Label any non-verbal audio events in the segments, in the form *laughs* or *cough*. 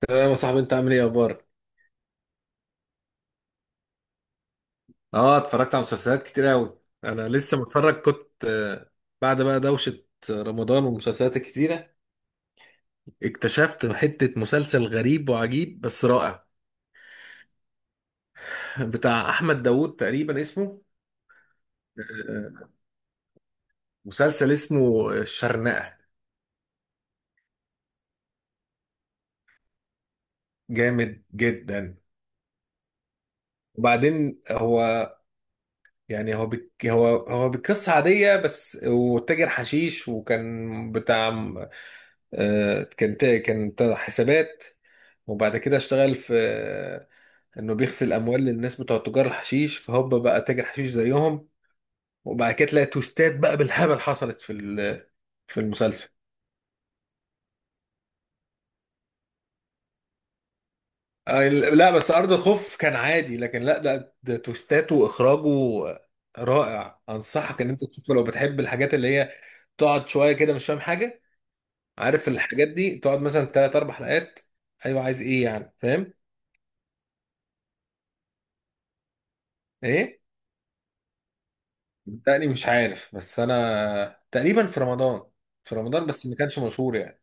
تمام يا صاحبي، انت عامل ايه؟ اخبارك؟ اه، اتفرجت على مسلسلات كتير قوي. انا لسه متفرج، كنت بعد بقى دوشة رمضان والمسلسلات الكتيرة، اكتشفت حتة مسلسل غريب وعجيب بس رائع. *laughs* بتاع احمد داوود تقريبا اسمه آه، مسلسل اسمه الشرنقة. جامد جدا. وبعدين هو، يعني هو بك هو هو بقصة عادية، بس وتاجر حشيش، وكان بتاع حسابات. وبعد كده اشتغل في انه بيغسل اموال للناس بتوع تجار الحشيش، فهوبا بقى تاجر حشيش زيهم. وبعد كده تلاقي توستات بقى بالهبل حصلت في المسلسل. لا، بس ارض الخوف كان عادي، لكن لا، ده توستاته واخراجه رائع. انصحك ان انت تشوفه لو بتحب الحاجات اللي هي تقعد شويه كده مش فاهم حاجه. عارف الحاجات دي، تقعد مثلا 3 4 حلقات. ايوه، عايز ايه يعني؟ فاهم؟ ايه، تقريبا مش عارف، بس انا تقريبا في رمضان، بس ما كانش مشهور يعني.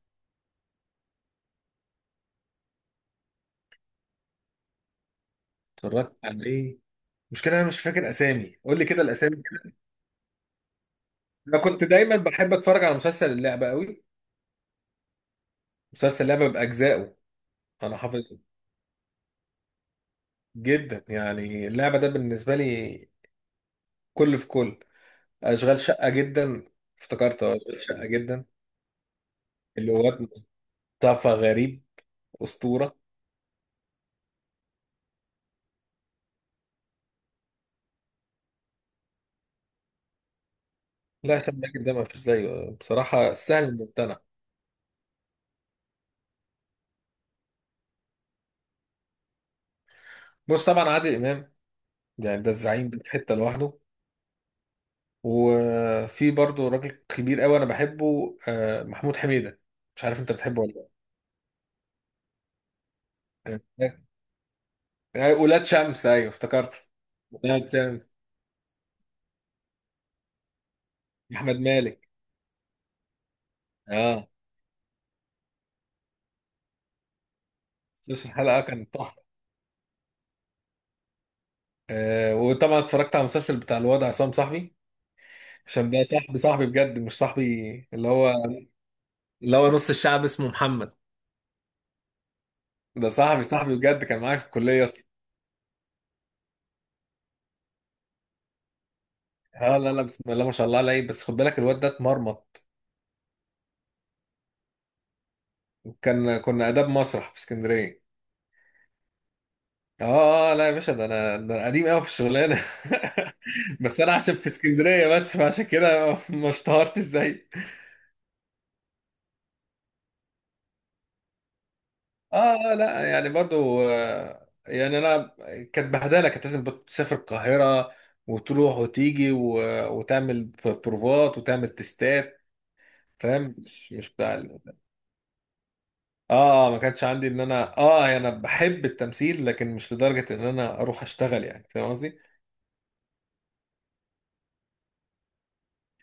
اتفرجت على ايه؟ المشكله انا مش فاكر اسامي، قول لي كده الاسامي كده. انا كنت دايما بحب اتفرج على مسلسل اللعبه قوي. مسلسل اللعبه باجزائه، انا حافظه. جدا يعني، اللعبه ده بالنسبه لي كل في كل. اشغال شقه جدا. افتكرت أهو، اشغال شقه جدا. اللي هو واد، مصطفى غريب، اسطوره. لا، سماك ده ما فيش زيه بصراحه، سهل الممتنع. بص، طبعا عادل امام، يعني ده الزعيم، ده في حته لوحده. وفي برضه راجل كبير قوي انا بحبه، محمود حميدة. مش عارف انت بتحبه ولا. لا آه، آه، ولاد شمس، ايوه افتكرت، ولاد شمس. احمد مالك. اه، مسلسل الحلقه كان تحفه. وطبعا اتفرجت على المسلسل بتاع الواد عصام، صاحبي. عشان ده صاحبي صاحبي بجد، مش صاحبي. اللي هو اللي هو نص الشعب اسمه محمد. ده صاحبي صاحبي بجد، كان معايا في الكليه اصلا. اه، لا لا، بسم الله ما شاء الله عليه، بس خد بالك الواد ده اتمرمط. كنا اداب مسرح في اسكندريه. اه، لا يا باشا، ده انا قديم قوي في الشغلانه. *laughs* بس انا عشان في اسكندريه بس، فعشان كده ما اشتهرتش زي. اه، لا يعني برضو، يعني انا كانت بهدله، كانت لازم تسافر القاهره وتروح وتيجي، و... وتعمل بروفات وتعمل تستات. فاهم؟ مش بتاع ال-. اه، ما كانش عندي ان انا، يعني انا بحب التمثيل لكن مش لدرجه ان انا اروح اشتغل، يعني فاهم قصدي؟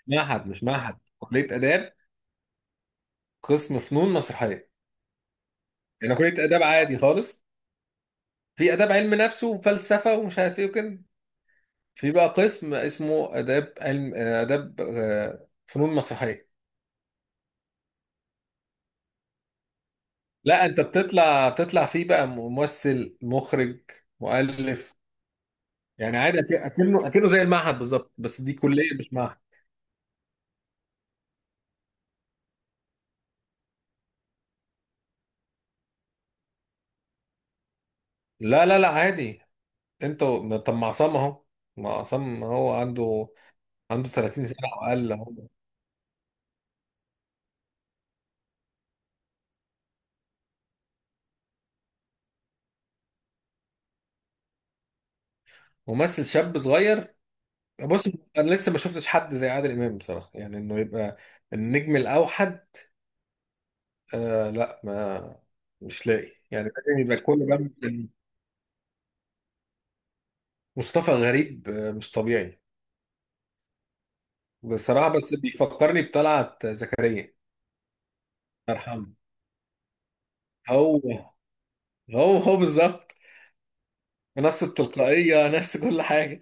معهد؟ مش معهد، كليه اداب، قسم فنون مسرحيه. انا كليه اداب عادي خالص. في اداب علم نفس وفلسفه ومش عارف ايه وكده، في بقى قسم اسمه اداب علم، اداب فنون مسرحيه. لا، انت بتطلع فيه بقى ممثل، مخرج، مؤلف. يعني عادي، اكنه زي المعهد بالظبط، بس دي كليه مش معهد. لا لا لا، عادي. طب، ما عصام اهو، ما عصام هو، عنده 30 سنه او اقل اهو. ممثل شاب صغير. بص، انا لسه ما شفتش حد زي عادل امام بصراحه، يعني انه يبقى النجم الاوحد. آه، لا ما، مش لاقي يعني، لازم يبقى كل بند. مصطفى غريب مش طبيعي بصراحه، بس بيفكرني بطلعت زكريا الله يرحمه. هو هو بالظبط، نفس التلقائيه، نفس كل حاجه.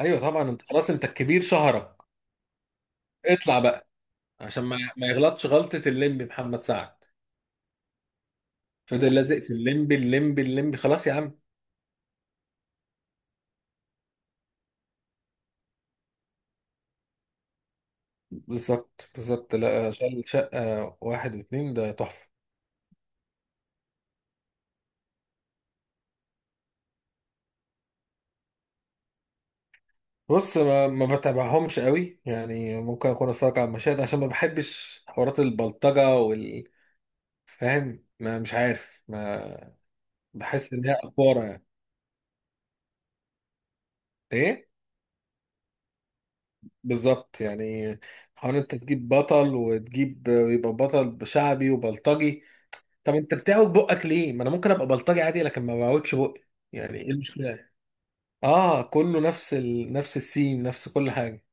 ايوه طبعا، انت خلاص انت الكبير شهرك، اطلع بقى، عشان ما يغلطش غلطه الليمبي محمد سعد، فضل لازق في الليمبي، الليمبي، الليمبي، خلاص يا عم. بالظبط بالظبط. لا. مم. شل شقة 1 و2 ده تحفة. بص، ما بتابعهمش قوي يعني، ممكن اكون اتفرج على المشاهد عشان ما بحبش حوارات البلطجة وال. فاهم؟ ما مش عارف، ما بحس ان هي افوره يعني. ايه بالظبط يعني؟ حوار انت تجيب بطل، وتجيب يبقى بطل شعبي وبلطجي. طب انت بتعوج بقك ليه؟ ما انا ممكن ابقى بلطجي عادي، لكن ما بعوجش بقي. يعني ايه المشكلة؟ اه، كله نفس السين، نفس كل حاجة.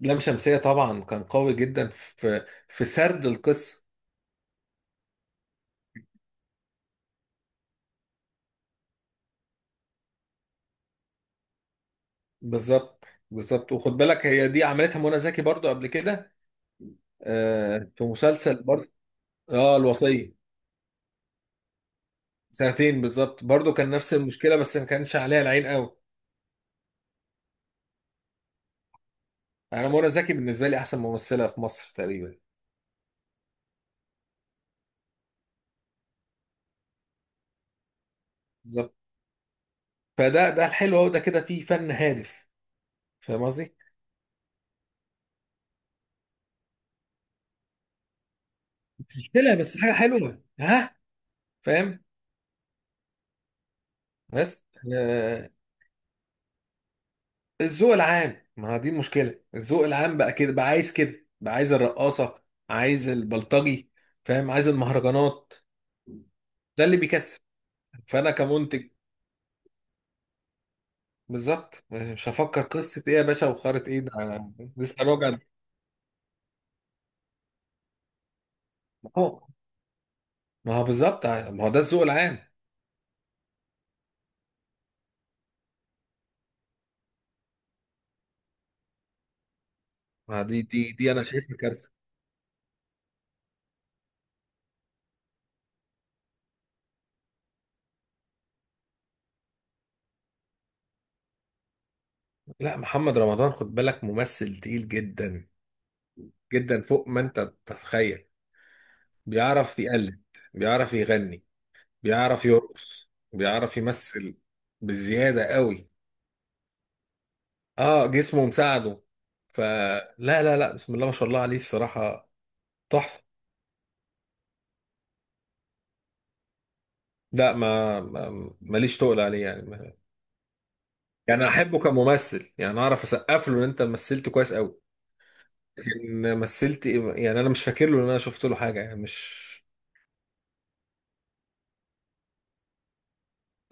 لام شمسية طبعا كان قوي جدا في سرد القصة. بالظبط بالظبط، وخد بالك، هي دي عملتها منى زكي برضو قبل كده، في مسلسل برضو. اه، الوصية. سنتين بالظبط، برضو كان نفس المشكلة، بس ما كانش عليها العين قوي. انا منى زكي بالنسبة لي احسن ممثلة في مصر تقريبا. بالظبط، فده، ده الحلو اهو، ده كده فيه فن هادف. فاهم قصدي؟ مشكلة، بس حاجة حلوة، ها. فاهم. بس، آه، الذوق العام، ما هو دي المشكله، الذوق العام بقى كده، بقى عايز كده، بقى عايز الرقاصه، عايز البلطجي. فاهم؟ عايز المهرجانات. ده اللي بيكسب، فانا كمنتج، بالظبط مش هفكر قصه ايه يا باشا، وخارة ايه ده. لسه راجع. أهو. ما هو بالظبط، ما هو ده الذوق العام. ما دي انا شايفها كارثه. لا، محمد رمضان خد بالك ممثل تقيل جدا، جدا فوق ما انت تتخيل. بيعرف يقلد، بيعرف يغني، بيعرف يرقص، بيعرف يمثل، بزيادة قوي. اه، جسمه مساعده. فلا لا لا لا، بسم الله ما شاء الله عليه الصراحة. تحفة. لا، ماليش تقل عليه يعني، ما-. يعني احبه كممثل، يعني اعرف اسقف له ان انت مثلت كويس قوي، لكن مثلت إيه-. يعني انا مش فاكر له ان انا شفت له حاجة يعني، مش.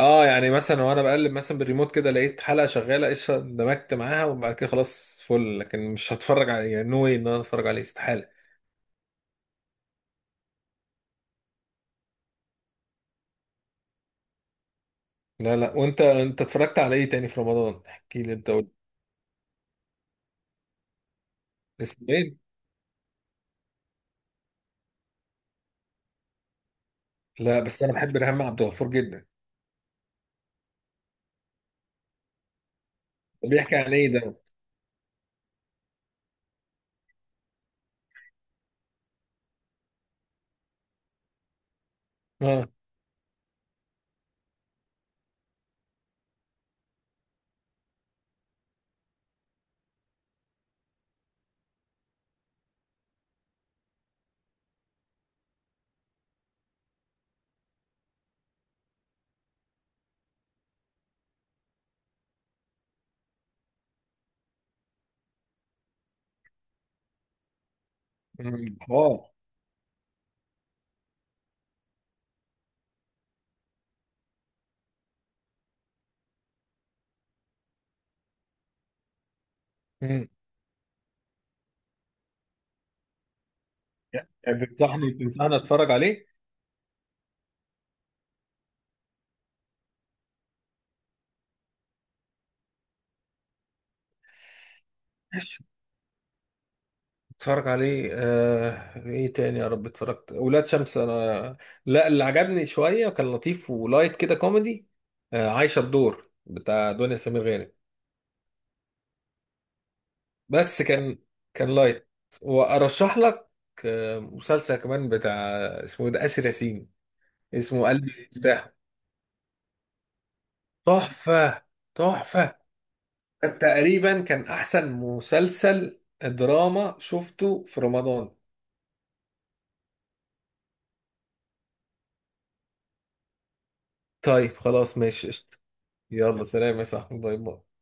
اه، يعني مثلا وانا بقلب مثلا بالريموت كده، لقيت حلقة شغالة قشطة، اندمجت معاها، وبعد كده خلاص، فل. لكن مش هتفرج عليه يعني، نو واي ان انا اتفرج عليه، استحالة. لا لا، وانت اتفرجت على ايه تاني في رمضان؟ احكي لي، انت قول. اسماعيل. لا بس انا بحب ريهام عبد الغفور جدا. طب بيحكي عن ايه ده؟ اه. أمم، حوار. أمم. يعني، بتنصحني اتفرج عليه؟ ماشي، اتفرج عليه. ايه تاني يا رب؟ اتفرجت ولاد شمس انا. لا، اللي عجبني شويه كان لطيف ولايت كده كوميدي، عايشه الدور بتاع دنيا سمير غانم. بس كان، كان لايت. وارشح لك مسلسل كمان بتاع، اسمه ايه ده، آسر ياسين. اسمه قلب المفتاح، تحفة، تحفة. ده تقريبا كان أحسن مسلسل دراما شفته في رمضان. طيب خلاص، ماشي قشطة. يلا سلام يا صاحبي، باي باي.